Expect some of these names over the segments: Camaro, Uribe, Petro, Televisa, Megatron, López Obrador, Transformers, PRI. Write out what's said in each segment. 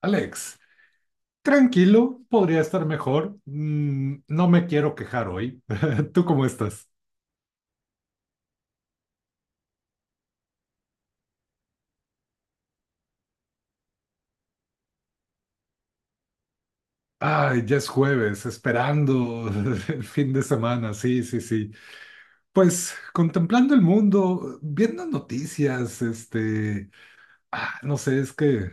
Alex, tranquilo, podría estar mejor. No me quiero quejar hoy. ¿Tú cómo estás? Ay, ya es jueves, esperando el fin de semana, sí, sí, sí. Pues contemplando el mundo, viendo noticias, no sé, es que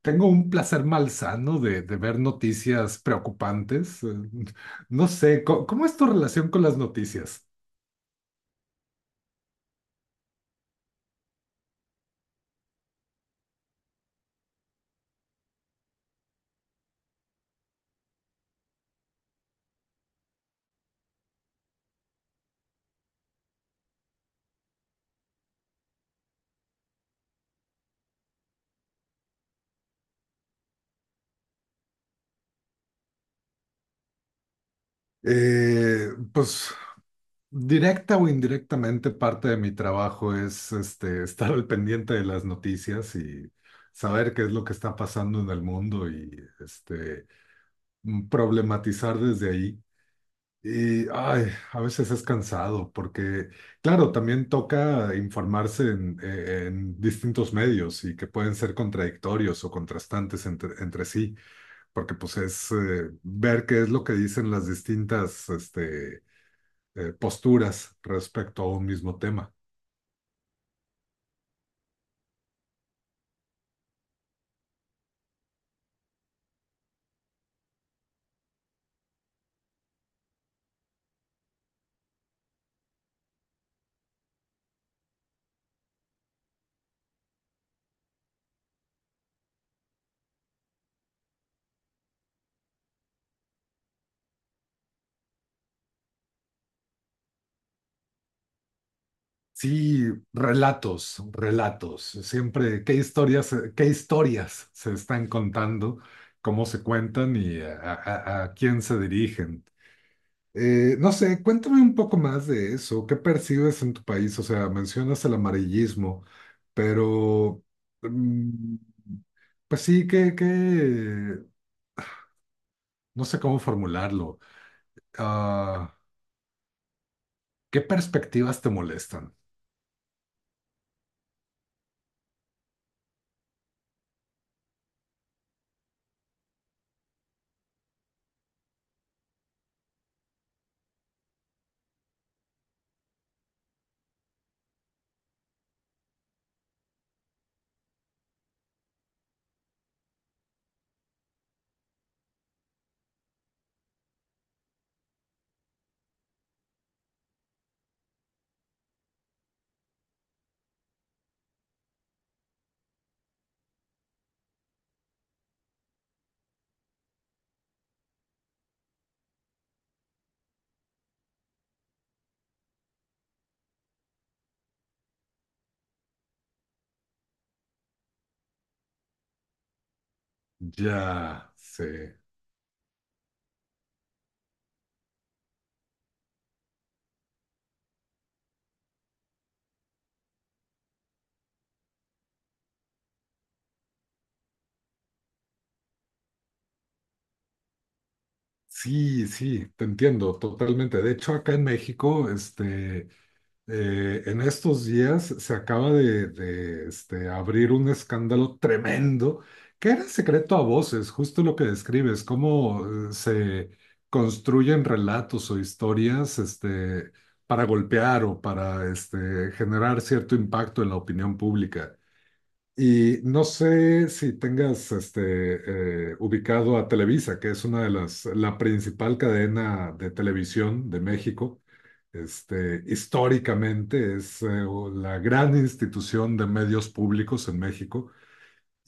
tengo un placer malsano de ver noticias preocupantes. No sé, ¿cómo es tu relación con las noticias? Eh, pues Directa o indirectamente, parte de mi trabajo es estar al pendiente de las noticias y saber qué es lo que está pasando en el mundo y este, problematizar desde ahí. Y ay, a veces es cansado porque, claro, también toca informarse en distintos medios y que pueden ser contradictorios o contrastantes entre sí, porque pues es ver qué es lo que dicen las distintas, posturas respecto a un mismo tema. Sí, relatos, relatos. Siempre, qué historias se están contando? ¿Cómo se cuentan y a quién se dirigen? No sé, cuéntame un poco más de eso. ¿Qué percibes en tu país? O sea, mencionas el amarillismo, pero... mm, pues sí, que... No sé cómo formularlo. Ah, ¿Qué perspectivas te molestan? Ya, sé. Sí, sí, te entiendo totalmente. De hecho, acá en México, en estos días se acaba de abrir un escándalo tremendo que era secreto a voces, justo lo que describes, cómo se construyen relatos o historias, para golpear o para, este, generar cierto impacto en la opinión pública. Y no sé si tengas ubicado a Televisa, que es una de las, la principal cadena de televisión de México. Históricamente es la gran institución de medios públicos en México.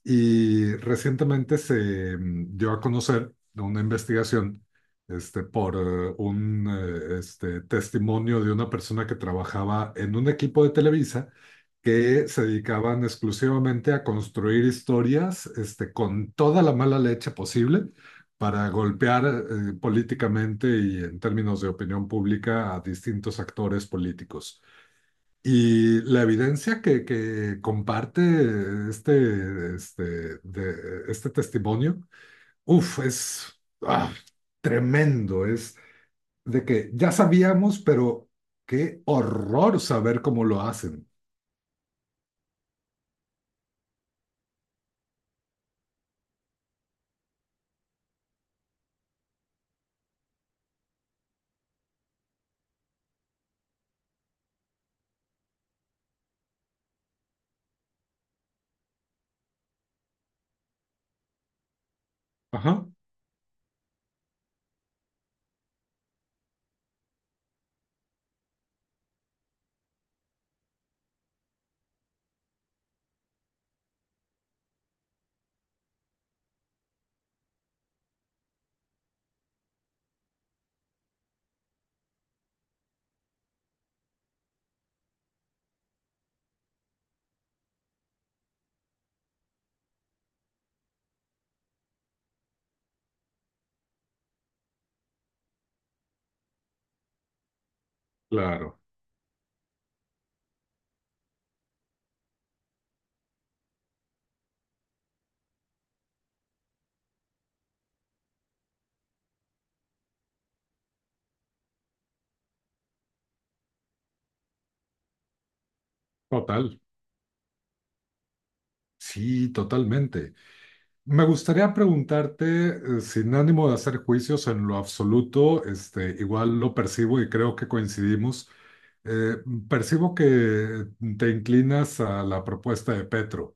Y recientemente se dio a conocer de una investigación por un testimonio de una persona que trabajaba en un equipo de Televisa que se dedicaban exclusivamente a construir historias con toda la mala leche posible para golpear políticamente y en términos de opinión pública a distintos actores políticos. Y la evidencia que comparte este testimonio, uff, es ah, tremendo. Es de que ya sabíamos, pero qué horror saber cómo lo hacen. Ajá, claro, total. Sí, totalmente. Me gustaría preguntarte, sin ánimo de hacer juicios en lo absoluto, este, igual lo percibo y creo que coincidimos. eh, percibo que te inclinas a la propuesta de Petro.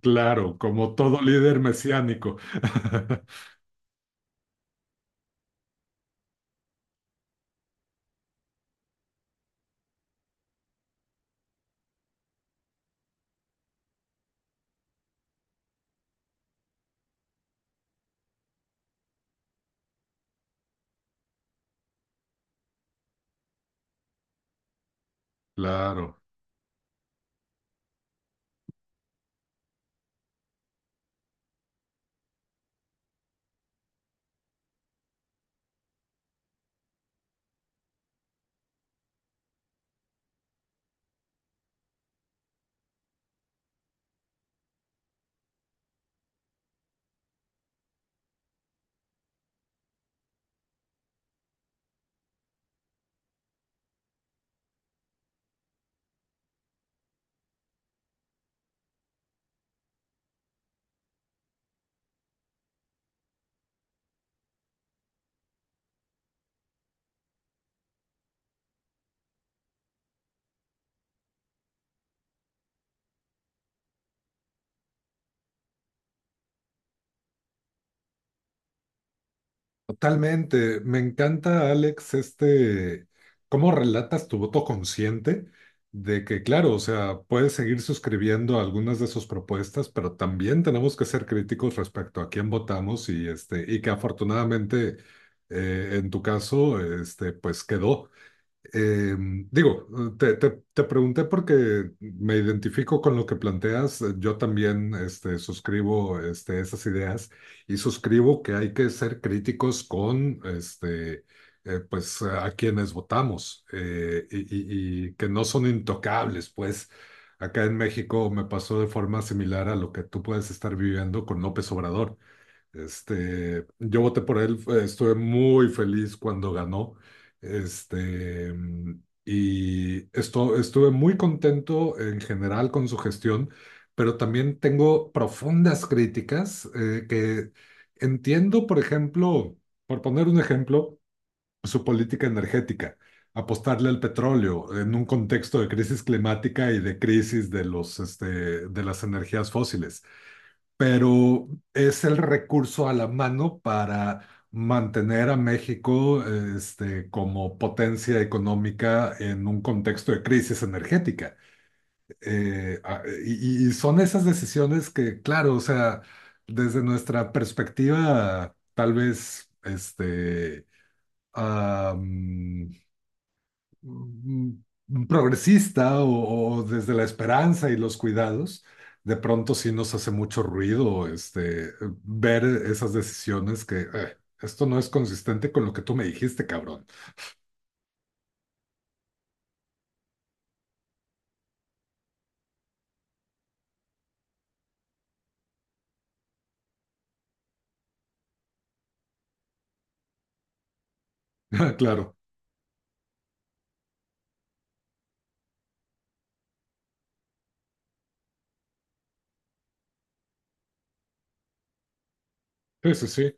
Claro, como todo líder mesiánico. Claro. Totalmente. Me encanta, Alex, cómo relatas tu voto consciente de que, claro, o sea, puedes seguir suscribiendo algunas de sus propuestas, pero también tenemos que ser críticos respecto a quién votamos y, este, y que afortunadamente, en tu caso, este, pues quedó. Eh, digo, te pregunté porque me identifico con lo que planteas. Yo también suscribo esas ideas y suscribo que hay que ser críticos con pues, a quienes votamos y que no son intocables. Pues acá en México me pasó de forma similar a lo que tú puedes estar viviendo con López Obrador. Yo voté por él, estuve muy feliz cuando ganó. Y esto, estuve muy contento en general con su gestión, pero también tengo profundas críticas que entiendo, por ejemplo, por poner un ejemplo, su política energética, apostarle al petróleo en un contexto de crisis climática y de crisis de de las energías fósiles, pero es el recurso a la mano para mantener a México, este, como potencia económica en un contexto de crisis energética. Y son esas decisiones que, claro, o sea, desde nuestra perspectiva, tal vez, am, mm, progresista o desde la esperanza y los cuidados, de pronto sí nos hace mucho ruido ver esas decisiones que esto no es consistente con lo que tú me dijiste, cabrón". Claro, sí, sí, sí.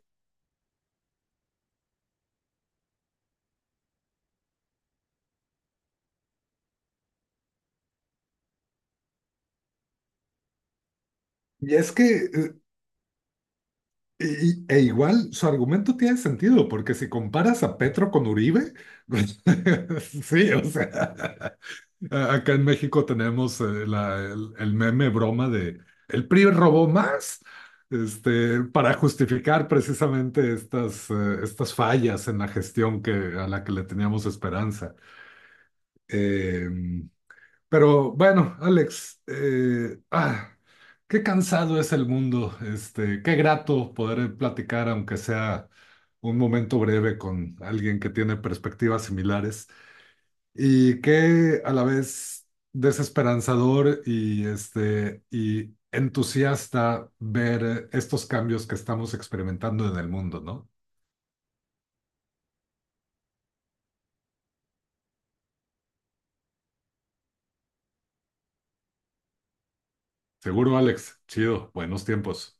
Y es que eh, e igual su argumento tiene sentido, porque si comparas a Petro con Uribe, pues, sí, o sea, acá en México tenemos el meme broma de "el PRI robó más", para justificar precisamente estas, estas fallas en la gestión que, a la que le teníamos esperanza. Em, pero bueno, Alex, qué cansado es el mundo. Este, qué grato poder platicar, aunque sea un momento breve, con alguien que tiene perspectivas similares. Y qué a la vez desesperanzador y, este, y entusiasta ver estos cambios que estamos experimentando en el mundo, ¿no? Seguro, Alex. Chido, buenos tiempos.